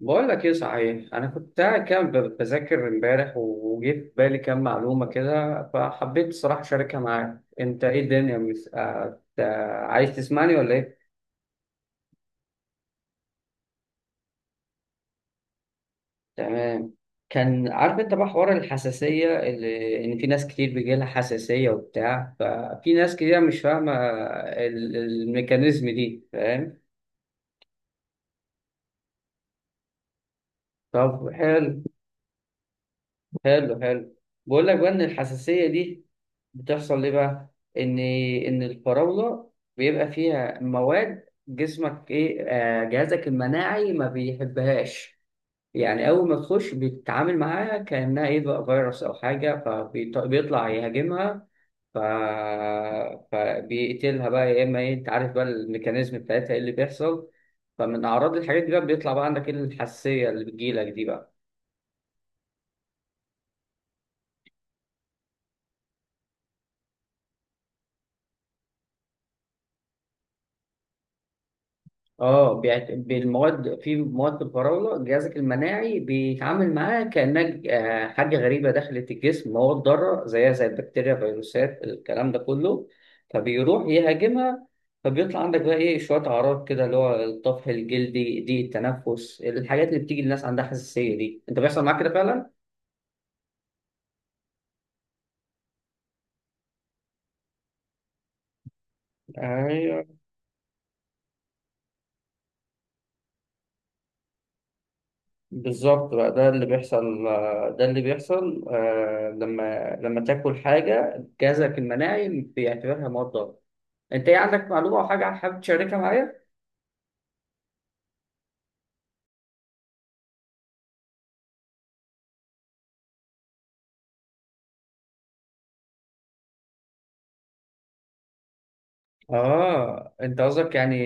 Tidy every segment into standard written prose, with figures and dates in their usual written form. بقول لك ايه صحيح، انا كنت قاعد كده بذاكر امبارح وجه في بالي كام معلومه كده، فحبيت الصراحه اشاركها معاك. انت ايه الدنيا عايز تسمعني ولا ايه؟ تمام. كان عارف انت بقى حوار الحساسيه، اللي ان في ناس كتير بيجي لها حساسيه وبتاع، ففي ناس كتير مش فاهمه الميكانيزم دي، فاهم؟ طب حلو حلو حلو. بقول لك بقى ان الحساسيه دي بتحصل ليه بقى. ان الفراوله بيبقى فيها مواد، جسمك ايه جهازك المناعي ما بيحبهاش. يعني اول ما تخش بيتعامل معاها كانها ايه بقى، فيروس او حاجه، فبيطلع يهاجمها. ف... فبيقتلها بقى، يا اما ايه، انت عارف بقى الميكانيزم بتاعتها ايه اللي بيحصل. فمن اعراض الحاجات دي بقى بيطلع بقى عندك ايه، الحساسيه اللي بتجيلك دي بقى. اه بالمواد، في مواد الفراوله جهازك المناعي بيتعامل معاها كانها حاجه غريبه دخلت الجسم، مواد ضاره زيها زي البكتيريا، فيروسات، الكلام ده كله. فبيروح يهاجمها. فبيطلع عندك بقى ايه، شويه اعراض كده، اللي هو الطفح الجلدي، ضيق التنفس، الحاجات اللي بتيجي الناس عندها حساسيه دي. انت بيحصل معاك كده فعلا؟ ايوه، بالظبط بقى، ده اللي بيحصل ده اللي بيحصل لما تاكل حاجه جهازك المناعي بيعتبرها مواد ضاره. انت ايه عندك معلومه او حاجه حابب تشاركها معايا؟ اه، انت قصدك يعني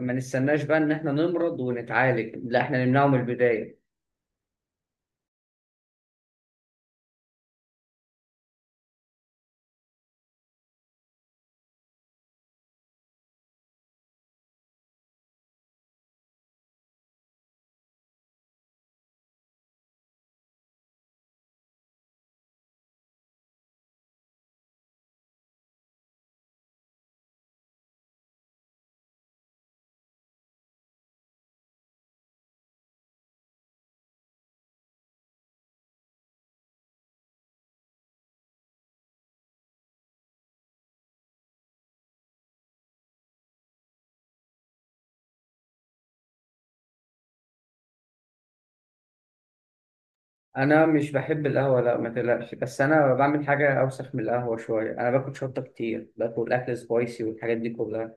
ما نستناش بقى ان احنا نمرض ونتعالج، لا احنا نمنعه من البدايه. انا مش بحب القهوه، لا ما تقلقش، بس انا بعمل حاجه اوسخ من القهوه شويه، انا باكل شطه كتير، باكل اكل سبايسي والحاجات دي كلها.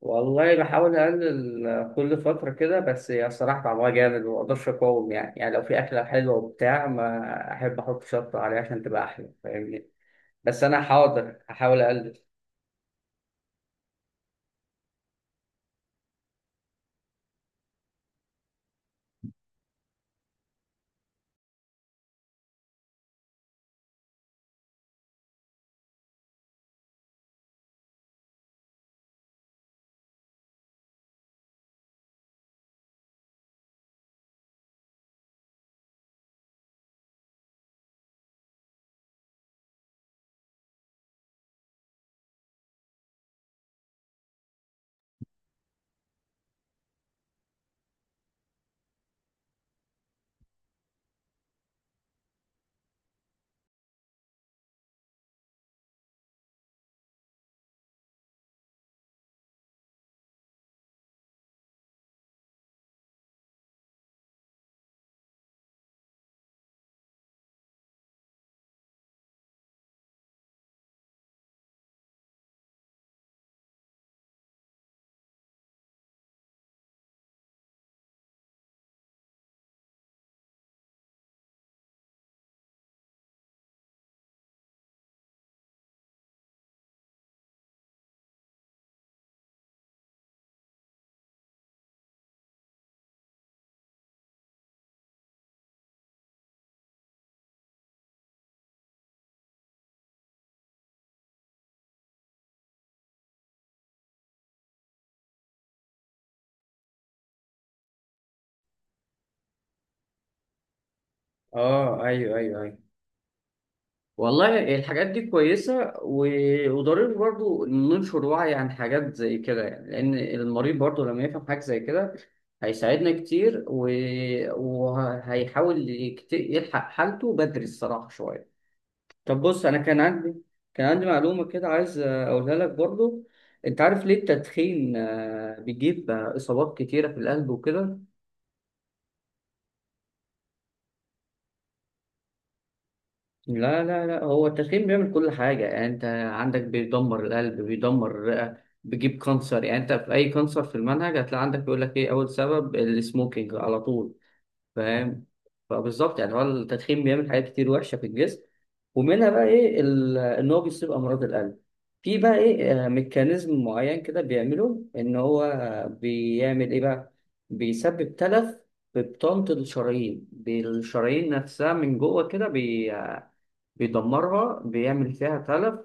والله بحاول اقلل كل فتره كده، بس هي الصراحه طعمها جامد وما اقدرش اقاوم، يعني لو في اكله حلوه وبتاع ما احب احط شطه عليها عشان تبقى احلى، فاهمني؟ بس انا حاضر، هحاول اقلل. اه، ايوه ايوه ايوه. والله الحاجات دي كويسة وضروري برضو ننشر وعي عن حاجات زي كده، يعني لأن المريض برضو لما يفهم حاجة زي كده هيساعدنا كتير، وهيحاول يلحق حالته بدري الصراحة شوية. طب بص، أنا كان عندي كان عندي معلومة كده عايز أقولها لك برضو. أنت عارف ليه التدخين بيجيب إصابات كتيرة في القلب وكده؟ لا لا لا، هو التدخين بيعمل كل حاجة، يعني أنت عندك بيدمر القلب، بيدمر الرئة، بيجيب كانسر. يعني أنت في أي كانسر في المنهج هتلاقي عندك بيقول لك إيه أول سبب، السموكينج على طول، فاهم؟ فبالظبط يعني هو التدخين بيعمل حاجات كتير وحشة في الجسم، ومنها بقى إيه، إن هو بيصيب أمراض القلب. في بقى إيه ميكانيزم معين كده بيعمله، إن هو بيعمل إيه بقى، بيسبب تلف في بطانة الشرايين، بالشرايين نفسها من جوه كده، بيدمرها، بيعمل فيها تلف.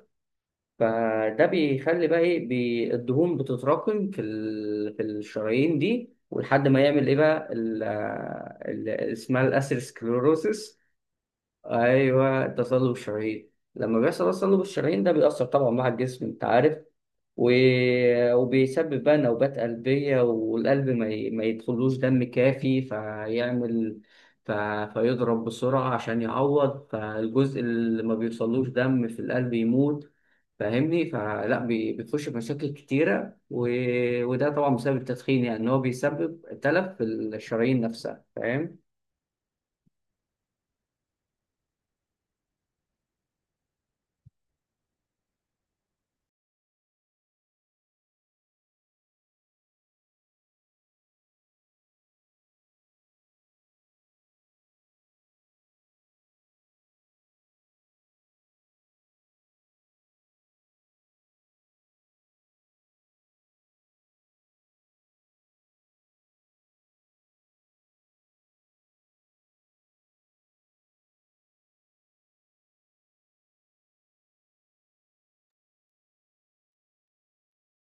فده بيخلي بقى ايه، الدهون بتتراكم في الشرايين دي، ولحد ما يعمل ايه بقى اسمها الاسيروسكليروسيس. ايوه تصلب الشرايين. لما بيحصل تصلب الشرايين ده بيأثر طبعا مع الجسم، انت عارف، و... وبيسبب بقى نوبات قلبية، والقلب ما يدخلوش دم كافي فيعمل، ف... فيضرب بسرعة عشان يعوض، فالجزء اللي ما بيوصلوش دم في القلب يموت، فاهمني؟ فلا بتخش في مشاكل كتيرة، وده طبعا بسبب التدخين، يعني إن هو بيسبب تلف في الشرايين نفسها، فاهم؟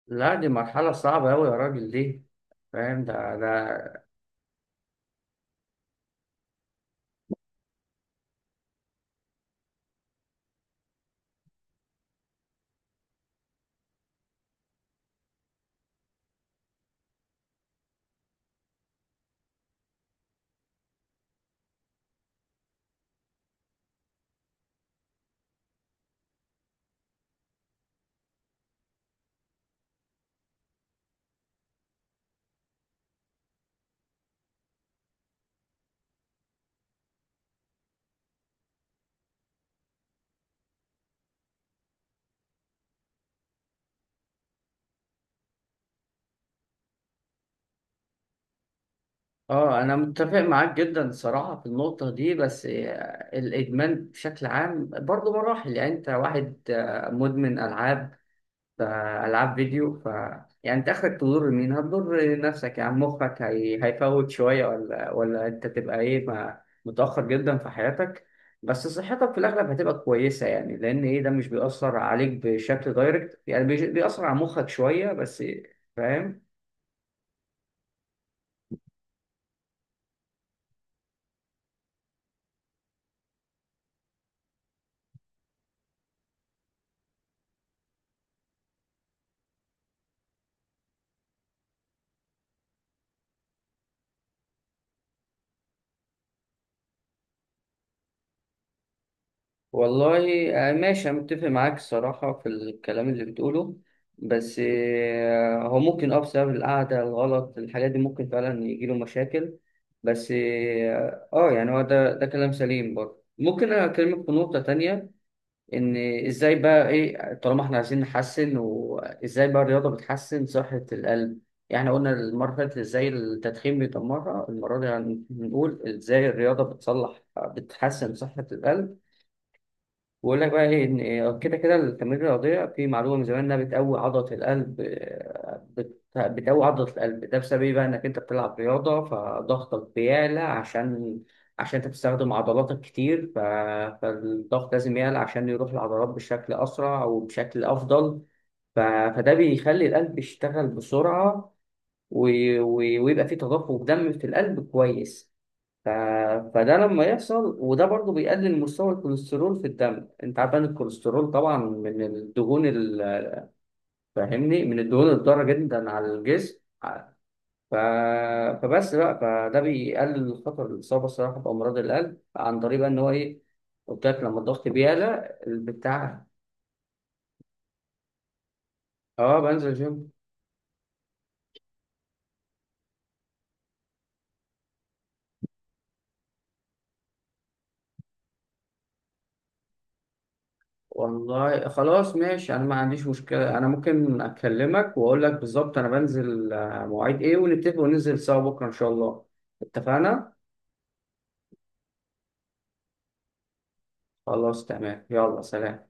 لا دي مرحلة صعبة أوي يا راجل دي. فاهم ده. اه انا متفق معاك جدا الصراحه في النقطه دي، بس الادمان بشكل عام برضه مراحل، يعني انت واحد مدمن العاب العاب فيديو، يعني انت اخرك تضر مين، هتضر نفسك، يعني مخك هيفوت شويه، ولا انت تبقى ايه ما... متاخر جدا في حياتك، بس صحتك في الاغلب هتبقى كويسه، يعني لان ايه، ده مش بيأثر عليك بشكل دايركت، يعني بيأثر على مخك شويه بس، فاهم؟ والله ماشي، أنا متفق معاك الصراحة في الكلام اللي بتقوله، بس هو ممكن أه بسبب القعدة الغلط الحاجات دي ممكن فعلا يجيله مشاكل، بس اه يعني هو ده كلام سليم برضه. ممكن أنا أكلمك في نقطة تانية، إن إزاي بقى إيه، طالما إحنا عايزين نحسن، وإزاي بقى الرياضة بتحسن صحة القلب. يعني إحنا قلنا المرة اللي فاتت إزاي التدخين بيدمرها، المرة دي هنقول إزاي الرياضة بتصلح بتحسن صحة القلب. بقول لك بقى ايه ان كده كده التمارين الرياضيه، في معلومه من زمان انها بتقوي عضله القلب، بتقوي عضله القلب، ده بسبب ايه بقى، انك انت بتلعب رياضه فضغطك بيعلى، عشان انت بتستخدم عضلاتك كتير، فالضغط لازم يعلى عشان يروح للعضلات بشكل اسرع وبشكل افضل، ف... فده بيخلي القلب يشتغل بسرعه، و... و... ويبقى فيه تدفق دم في القلب كويس، ف... فده لما يحصل، وده برضو بيقلل مستوى الكوليسترول في الدم. انت عارف ان الكوليسترول طبعا من الدهون فاهمني، من الدهون الضاره جدا على الجسم. ف... فبس بقى فده بيقلل خطر الاصابه الصراحه بامراض القلب، عن طريق بقى ان هو ايه، قلت لك لما الضغط بيعلى البتاع. اه بنزل جيم. والله خلاص ماشي، انا ما عنديش مشكله، انا ممكن اكلمك واقول لك بالظبط انا بنزل مواعيد ايه ونتفق وننزل سوا بكره ان شاء الله. اتفقنا. خلاص تمام، يلا سلام.